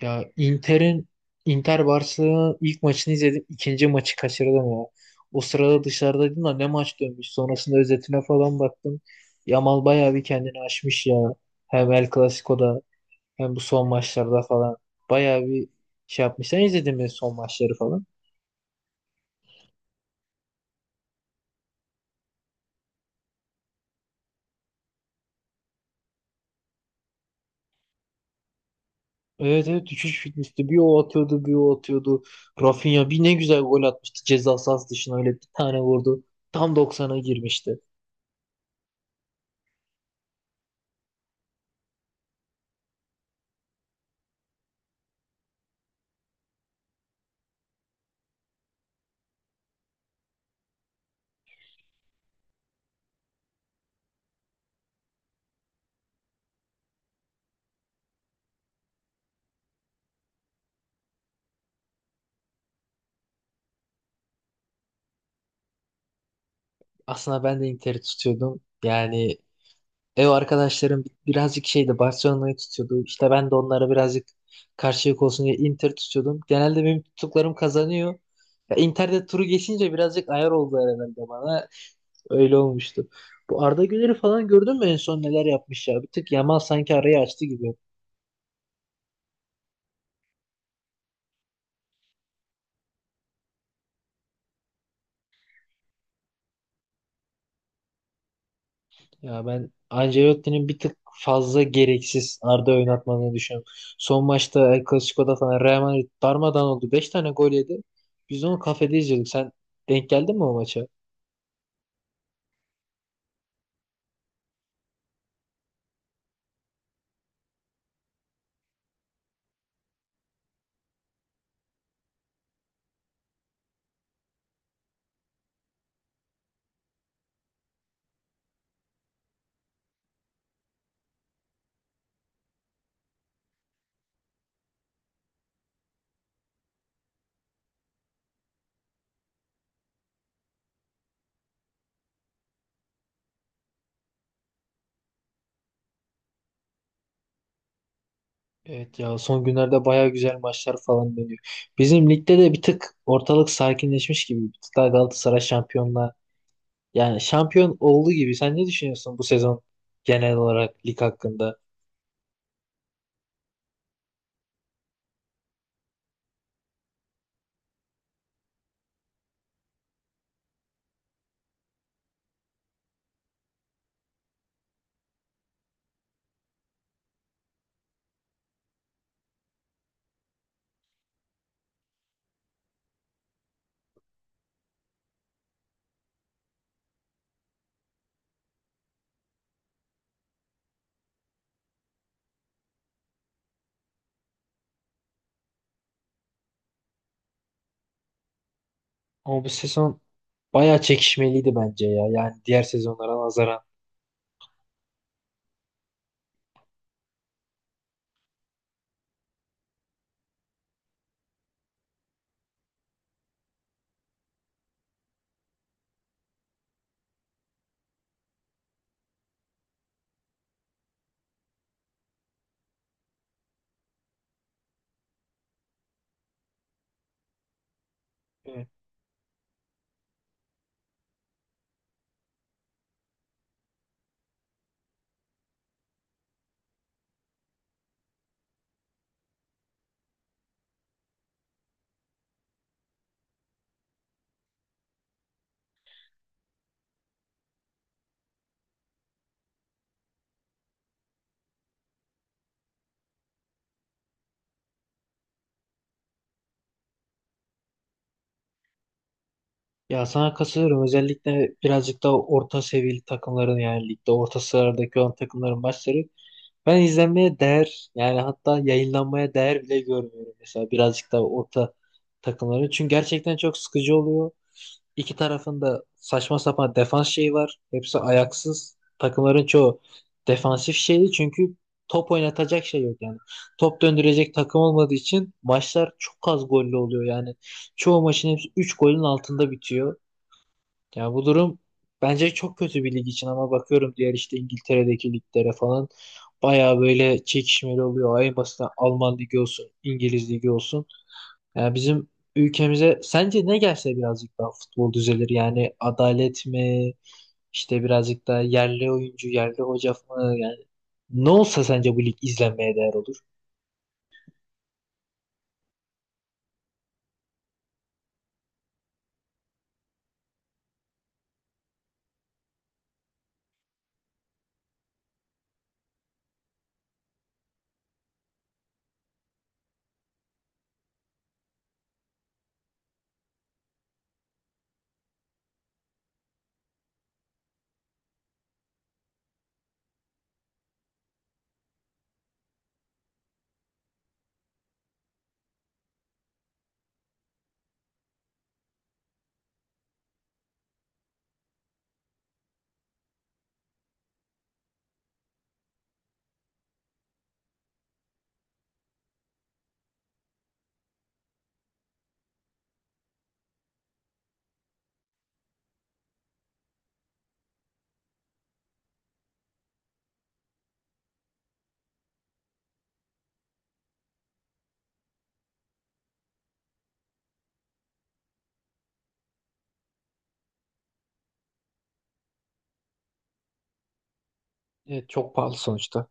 Ya Inter Barcelona'nın ilk maçını izledim. İkinci maçı kaçırdım ya. O sırada dışarıdaydım da ne maç dönmüş. Sonrasında özetine falan baktım. Yamal bayağı bir kendini aşmış ya. Hem El Clasico'da hem bu son maçlarda falan. Bayağı bir şey yapmış. Sen izledin mi son maçları falan? Evet, evet, düşüş bitmişti. Bir o atıyordu bir o atıyordu. Rafinha bir ne güzel gol atmıştı. Ceza sahası dışına öyle bir tane vurdu. Tam 90'a girmişti. Aslında ben de Inter'i tutuyordum. Yani ev arkadaşlarım birazcık şeydi, Barcelona'yı tutuyordu. İşte ben de onlara birazcık karşılık olsun diye Inter tutuyordum. Genelde benim tuttuklarım kazanıyor. Ya Inter'de turu geçince birazcık ayar oldu herhalde bana. Öyle olmuştu. Bu Arda Güler'i falan gördün mü en son neler yapmış ya? Bir tık Yamal sanki arayı açtı gibi. Ya ben Ancelotti'nin bir tık fazla gereksiz Arda oynatmadığını düşünüyorum. Son maçta El Clasico'da falan Real Madrid darmadağın oldu. 5 tane gol yedi. Biz onu kafede izliyorduk. Sen denk geldin mi o maça? Evet ya, son günlerde baya güzel maçlar falan dönüyor. Bizim ligde de bir tık ortalık sakinleşmiş gibi. Bir tık daha Galatasaray şampiyon olduğu gibi. Sen ne düşünüyorsun bu sezon genel olarak lig hakkında? Ama bu sezon baya çekişmeliydi bence ya. Yani diğer sezonlara nazaran. Evet. Ya sana katılıyorum. Özellikle birazcık daha orta seviyeli takımların, yani ligde orta sıralardaki olan takımların maçları. Ben izlenmeye değer yani hatta yayınlanmaya değer bile görmüyorum mesela birazcık da orta takımları. Çünkü gerçekten çok sıkıcı oluyor. İki tarafında saçma sapan defans şeyi var. Hepsi ayaksız. Takımların çoğu defansif şeyi çünkü top oynatacak şey yok yani. Top döndürecek takım olmadığı için maçlar çok az gollü oluyor yani. Çoğu maçın hepsi 3 golün altında bitiyor. Ya bu durum bence çok kötü bir lig için, ama bakıyorum diğer işte İngiltere'deki liglere falan bayağı böyle çekişmeli oluyor. En basitinden Alman ligi olsun, İngiliz ligi olsun. Yani bizim ülkemize sence ne gelse birazcık daha futbol düzelir? Yani adalet mi? İşte birazcık daha yerli oyuncu, yerli hoca mı? Yani ne olsa sence bu lig izlenmeye değer olur? Evet, çok pahalı sonuçta.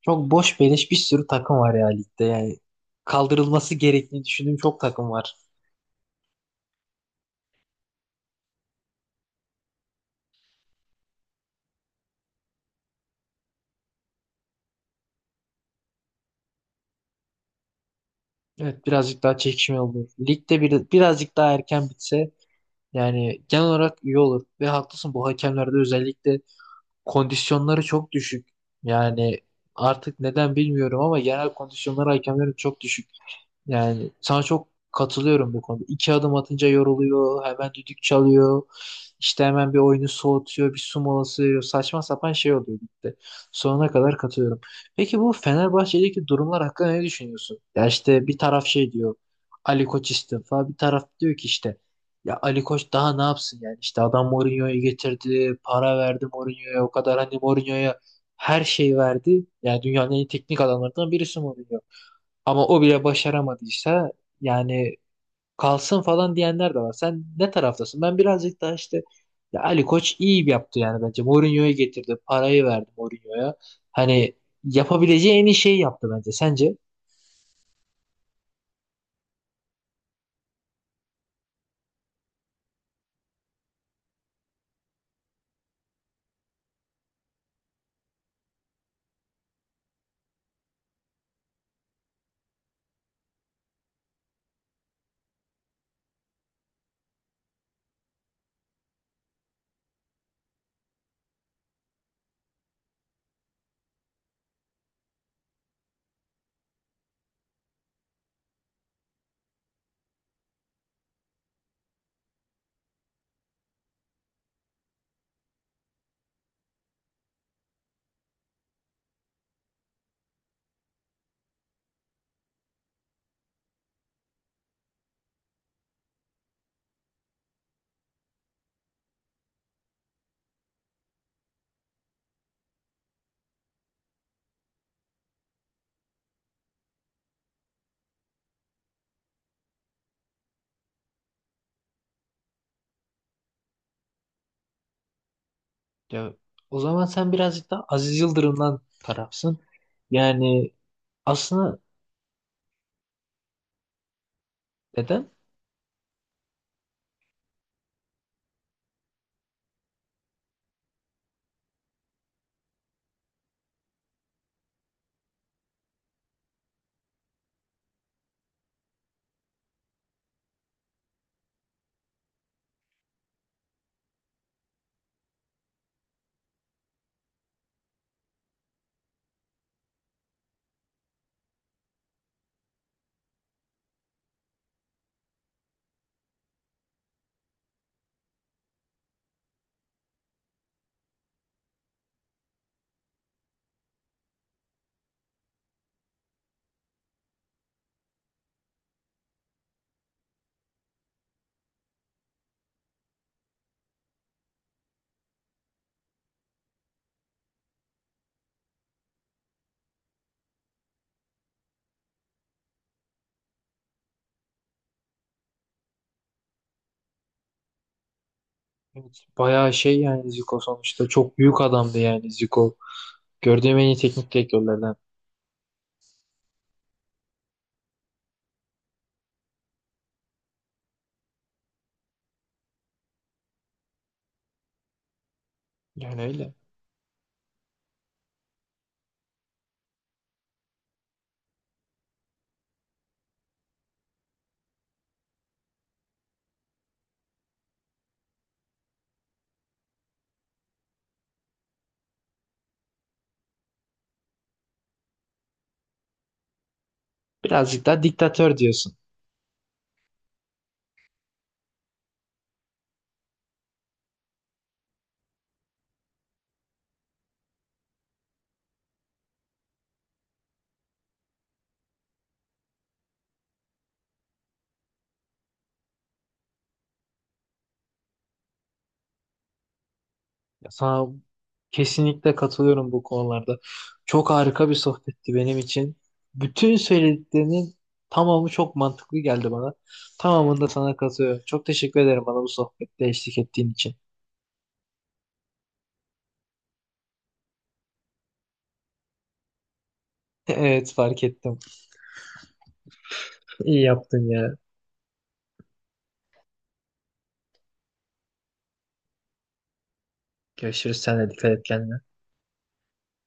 Çok boş beleş bir sürü takım var ya ligde. Yani kaldırılması gerektiğini düşündüğüm çok takım var. Evet, birazcık daha çekişme olur. Ligde birazcık daha erken bitse yani genel olarak iyi olur. Ve haklısın, bu hakemlerde özellikle kondisyonları çok düşük. Yani artık neden bilmiyorum ama genel kondisyonları hakemlerin çok düşük. Yani sana çok katılıyorum bu konuda. İki adım atınca yoruluyor, hemen düdük çalıyor, işte hemen bir oyunu soğutuyor, bir su molası veriyor. Saçma sapan şey oluyor gitti. Sonuna kadar katılıyorum. Peki bu Fenerbahçe'deki durumlar hakkında ne düşünüyorsun? Ya işte bir taraf şey diyor, Ali Koç istifa, bir taraf diyor ki işte ya Ali Koç daha ne yapsın yani, işte adam Mourinho'yu getirdi, para verdi Mourinho'ya, o kadar hani Mourinho'ya her şeyi verdi. Yani dünyanın en iyi teknik adamlarından birisi Mourinho. Ama o bile başaramadıysa yani kalsın falan diyenler de var. Sen ne taraftasın? Ben birazcık daha işte ya Ali Koç iyi yaptı yani bence. Mourinho'yu getirdi. Parayı verdi Mourinho'ya. Hani yapabileceği en iyi şeyi yaptı bence. Sence? Ya, o zaman sen birazcık daha Aziz Yıldırım'dan tarafsın. Yani aslında neden? Evet, bayağı şey yani Zico sonuçta çok büyük adamdı yani Zico. Gördüğüm en iyi teknik direktörlerden. Yani öyle. Birazcık daha diktatör diyorsun. Ya sana kesinlikle katılıyorum bu konularda. Çok harika bir sohbetti benim için. Bütün söylediklerinin tamamı çok mantıklı geldi bana. Tamamında sana katılıyorum. Çok teşekkür ederim bana bu sohbette eşlik ettiğin için. Evet, fark ettim. İyi yaptın ya. Görüşürüz. Sen de dikkat et kendine.